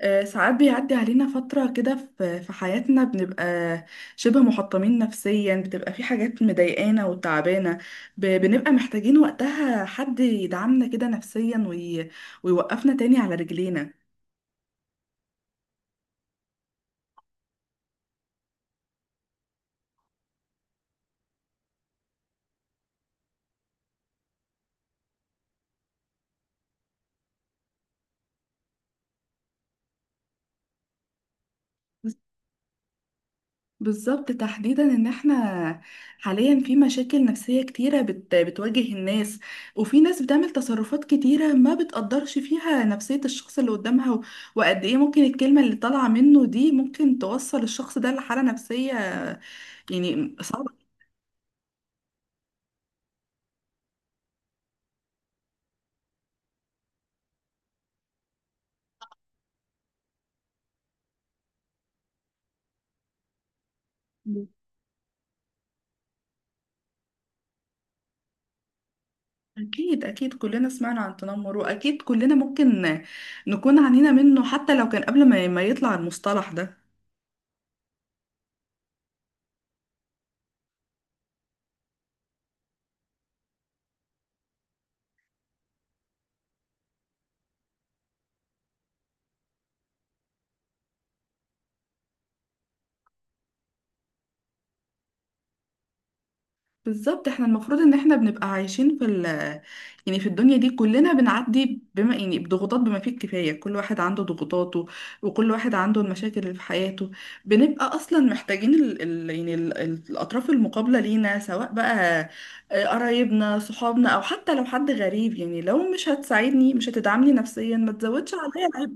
ساعات بيعدي علينا فترة كده في حياتنا بنبقى شبه محطمين نفسيا، بتبقى في حاجات مضايقانا وتعبانة، بنبقى محتاجين وقتها حد يدعمنا كده نفسيا ويوقفنا تاني على رجلينا. بالظبط، تحديدا ان احنا حاليا في مشاكل نفسية كتيرة بتواجه الناس، وفي ناس بتعمل تصرفات كتيرة ما بتقدرش فيها نفسية الشخص اللي قدامها، وقد ايه ممكن الكلمة اللي طالعة منه دي ممكن توصل الشخص ده لحالة نفسية يعني صعبة. أكيد أكيد كلنا سمعنا عن التنمر، وأكيد كلنا ممكن نكون عانينا منه حتى لو كان قبل ما يطلع المصطلح ده. بالظبط، احنا المفروض ان احنا بنبقى عايشين في ال يعني في الدنيا دي، كلنا بنعدي بما يعني بضغوطات بما فيه الكفاية. كل واحد عنده ضغوطاته، وكل واحد عنده المشاكل اللي في حياته. بنبقى اصلا محتاجين ال يعني ال الاطراف المقابلة لينا، سواء بقى قرايبنا، صحابنا، او حتى لو حد غريب. يعني لو مش هتساعدني، مش هتدعمني نفسيا، ما تزودش عليا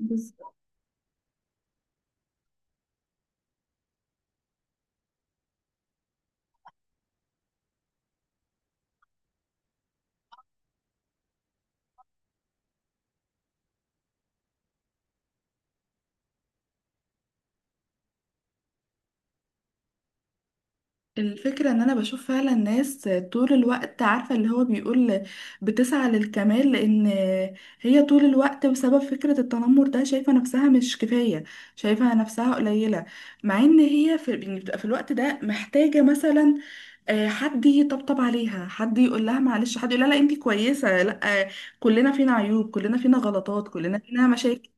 العبء. الفكرة ان انا بشوف فعلا ناس طول الوقت عارفة اللي هو بيقول بتسعى للكمال، لان هي طول الوقت بسبب فكرة التنمر ده شايفة نفسها مش كفاية، شايفة نفسها قليلة. مع ان هي في يعني بتبقى في الوقت ده محتاجة مثلا حد يطبطب عليها، حد يقول لها معلش، حد يقول لها لا انتي كويسة. لا، كلنا فينا عيوب، كلنا فينا غلطات، كلنا فينا مشاكل.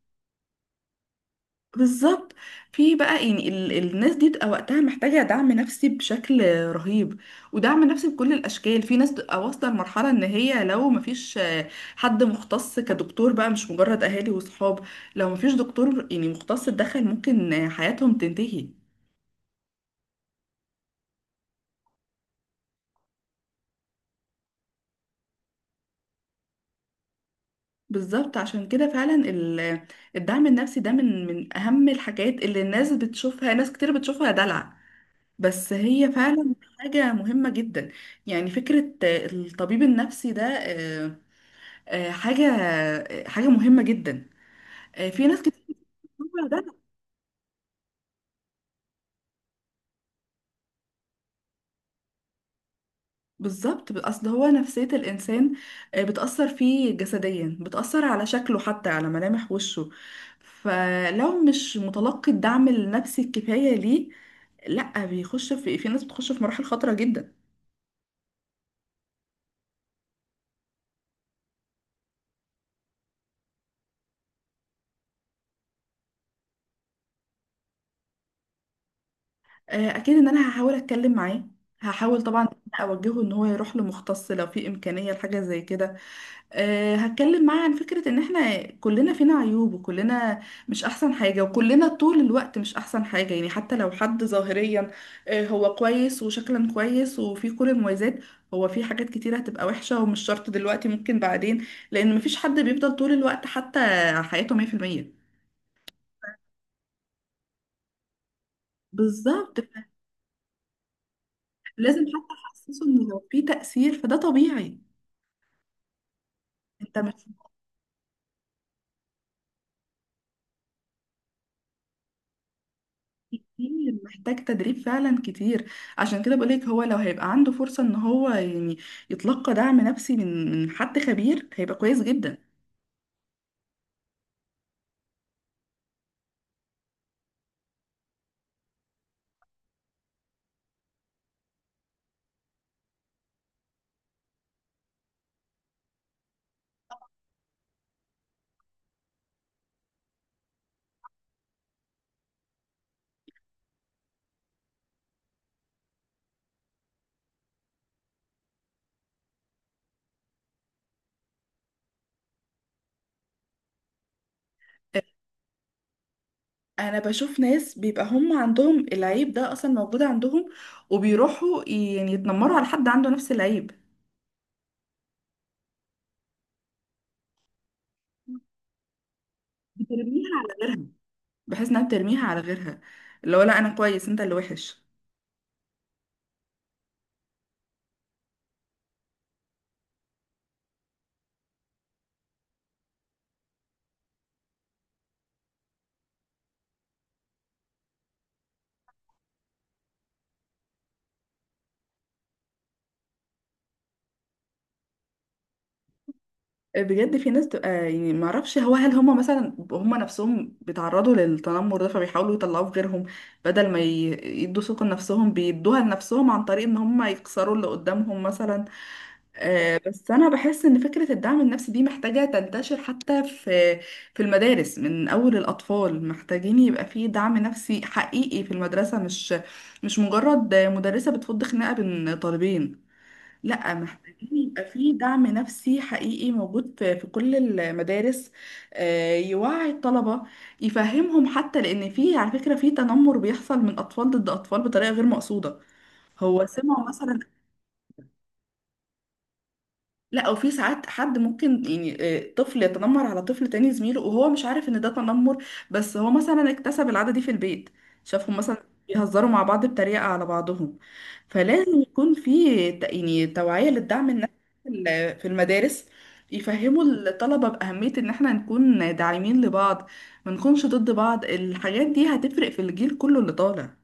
بالظبط. في بقى يعني الناس دي بتبقى وقتها محتاجة دعم نفسي بشكل رهيب، ودعم نفسي بكل الأشكال. في ناس بتبقى واصلة لمرحلة إن هي لو مفيش حد مختص كدكتور بقى، مش مجرد أهالي وصحاب. لو مفيش دكتور يعني مختص اتدخل، ممكن حياتهم تنتهي. بالظبط، عشان كده فعلا الدعم النفسي ده من أهم الحاجات اللي الناس بتشوفها، ناس كتير بتشوفها دلع، بس هي فعلا حاجة مهمة جدا. يعني فكرة الطبيب النفسي ده حاجة، حاجة مهمة جدا. في ناس كتير بتقول ده. بالظبط، اصل هو نفسية الانسان بتأثر فيه جسديا، بتأثر على شكله، حتى على ملامح وشه. فلو مش متلقي الدعم النفسي الكفاية ليه، لا بيخش في، في ناس بتخش في مراحل خطرة جدا. اكيد ان انا هحاول اتكلم معاه. هحاول طبعا إن أنا اوجهه ان هو يروح لمختص لو في امكانيه لحاجه زي كده. هتكلم معاه عن فكره ان احنا كلنا فينا عيوب، وكلنا مش احسن حاجه، وكلنا طول الوقت مش احسن حاجه. يعني حتى لو حد ظاهريا هو كويس وشكلا كويس وفي كل المميزات، هو في حاجات كتيره هتبقى وحشه، ومش شرط دلوقتي، ممكن بعدين، لان مفيش حد بيفضل طول الوقت حتى حياته 100%. بالظبط، لازم حتى احسسه ان لو في تاثير فده طبيعي. انت مش متخيل، محتاج تدريب فعلا كتير. عشان كده بقولك، هو لو هيبقى عنده فرصة ان هو يعني يتلقى دعم نفسي من حد خبير، هيبقى كويس جدا. انا بشوف ناس بيبقى هم عندهم العيب ده اصلا موجود عندهم، وبيروحوا يعني يتنمروا على حد عنده نفس العيب. بترميها على غيرها، بحيث انها بترميها على غيرها. اللي هو لا، انا كويس، انت اللي وحش. بجد في ناس تبقى يعني ما اعرفش، هو هل هم مثلا هم نفسهم بيتعرضوا للتنمر ده فبيحاولوا يطلعوه في غيرهم بدل ما يدوا ثقة لنفسهم، بيدوها لنفسهم عن طريق ان هم يكسروا اللي قدامهم مثلا. بس انا بحس ان فكرة الدعم النفسي دي محتاجة تنتشر حتى في المدارس. من اول الاطفال محتاجين يبقى في دعم نفسي حقيقي في المدرسة، مش مجرد مدرسة بتفض خناقة بين طالبين. لا، محتاجين يبقى في دعم نفسي حقيقي موجود في كل المدارس. يوعي الطلبة، يفهمهم، حتى لأن في، على فكرة، في تنمر بيحصل من أطفال ضد أطفال بطريقة غير مقصودة. هو سمعوا مثلا، لا، او في ساعات حد ممكن يعني طفل يتنمر على طفل تاني زميله وهو مش عارف ان ده تنمر، بس هو مثلا اكتسب العادة دي في البيت، شافهم مثلا بيهزروا مع بعض بتريقة على بعضهم. فلازم يكون في يعني توعية للدعم النفسي في المدارس، يفهموا الطلبة بأهمية ان احنا نكون داعمين لبعض، ما نكونش ضد بعض. الحاجات دي هتفرق في الجيل كله اللي طالع.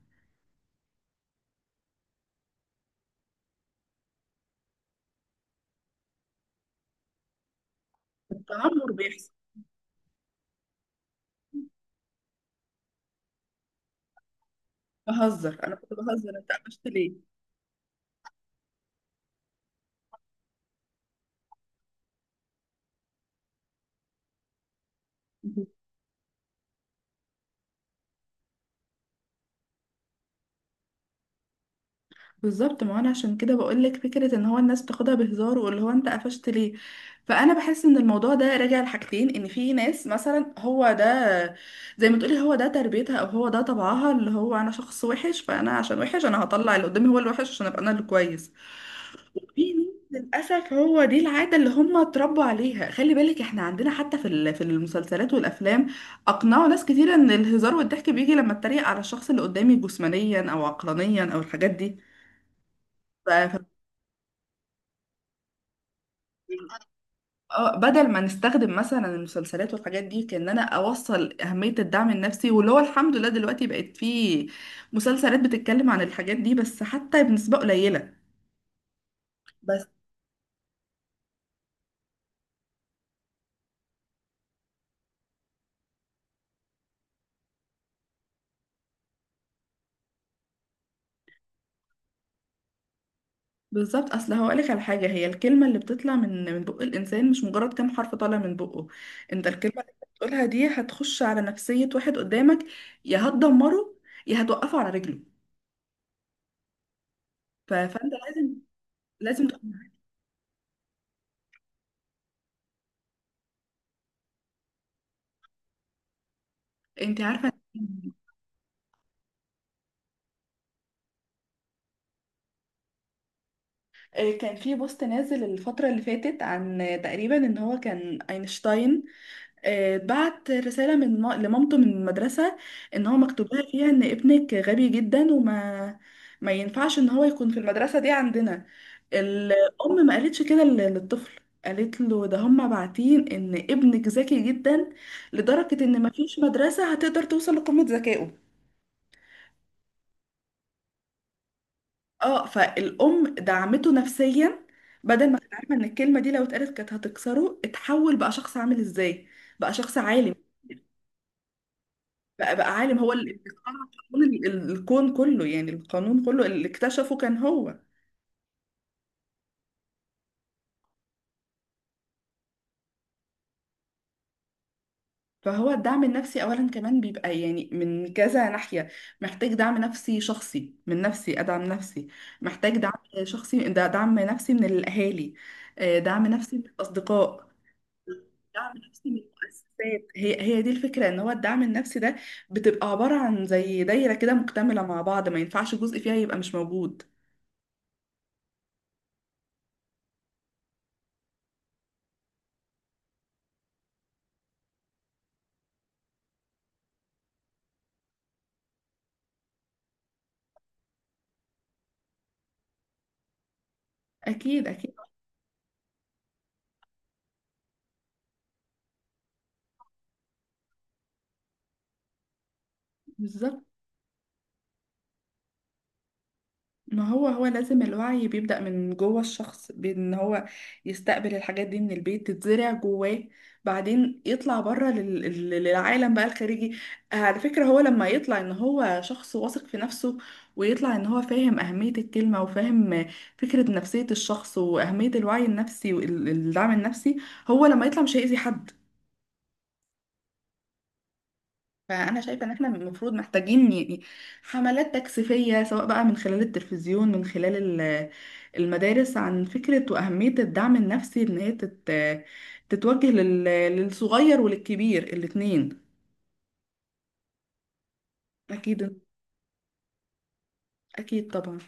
التنمر بيحصل. بهزر، انا كنت بهزر، انت قفشت ليه؟ بالظبط، ما انا عشان كده بقولك فكرة ان هو الناس بتاخدها بهزار، واللي هو انت قفشت ليه. فانا بحس ان الموضوع ده راجع لحاجتين، ان في ناس مثلا هو ده، زي ما تقولي، هو ده تربيتها او هو ده طبعها، اللي هو انا شخص وحش فانا عشان وحش انا هطلع اللي قدامي هو الوحش عشان ابقى انا اللي كويس. في ناس للاسف هو دي العادة اللي هم اتربوا عليها. خلي بالك احنا عندنا حتى في المسلسلات والافلام اقنعوا ناس كتير ان الهزار والضحك بيجي لما اتريق على الشخص اللي قدامي جسمانيا او عقلانيا او الحاجات دي. ف... ف- اه بدل ما نستخدم مثلا المسلسلات والحاجات دي كأن انا اوصل اهمية الدعم النفسي، واللي هو الحمد لله دلوقتي بقت في مسلسلات بتتكلم عن الحاجات دي، بس حتى بنسبة قليلة. بس بالظبط، اصل هقولك على حاجة، هي الكلمة اللي بتطلع من بق الانسان مش مجرد كام حرف طالع من بقه. انت الكلمة اللي بتقولها دي هتخش على نفسية واحد قدامك، يا هتدمره يا هتوقفه على رجله. فانت لازم، لازم تكون- انت عارفة. كان في بوست نازل الفترة اللي فاتت عن، تقريبا، ان هو كان اينشتاين بعت رسالة لمامته من المدرسة، ان هو مكتوب لها فيها ان ابنك غبي جدا، وما ما ينفعش ان هو يكون في المدرسة دي عندنا. الأم ما قالتش كده للطفل، قالت له ده هم باعتين ان ابنك ذكي جدا لدرجة ان ما فيش مدرسة هتقدر توصل لقمة ذكائه. اه فالام دعمته نفسيا، بدل ما كانت عارفه ان الكلمه دي لو اتقالت كانت هتكسره، اتحول بقى شخص عامل ازاي، بقى شخص عالم، بقى عالم، هو اللي اخترع قانون الكون كله، يعني القانون كله اللي اكتشفه كان هو. فهو الدعم النفسي اولا كمان بيبقى يعني من كذا ناحيه. محتاج دعم نفسي شخصي، من نفسي ادعم نفسي، محتاج دعم شخصي. ده دعم نفسي من الاهالي، دعم نفسي من الاصدقاء، الدعم النفسي من المؤسسات. هي دي الفكرة ان هو الدعم النفسي ده بتبقى عبارة عن زي دايرة كده مكتملة مع بعض، ما ينفعش جزء فيها يبقى مش موجود. اكيد اكيد. بالظبط. ما هو لازم الوعي بيبدأ من جوه الشخص، بأن هو يستقبل الحاجات دي من البيت تتزرع جواه، بعدين يطلع بره للعالم بقى الخارجي. على فكرة هو لما يطلع ان هو شخص واثق في نفسه، ويطلع ان هو فاهم أهمية الكلمة، وفاهم فكرة نفسية الشخص وأهمية الوعي النفسي والدعم النفسي، هو لما يطلع مش هيأذي حد. فأنا شايفة إن إحنا المفروض محتاجين يعني حملات تكثيفية، سواء بقى من خلال التلفزيون، من خلال ال- المدارس، عن فكرة وأهمية الدعم النفسي، إن هي تتوجه للصغير وللكبير الاتنين. أكيد. أكيد طبعا.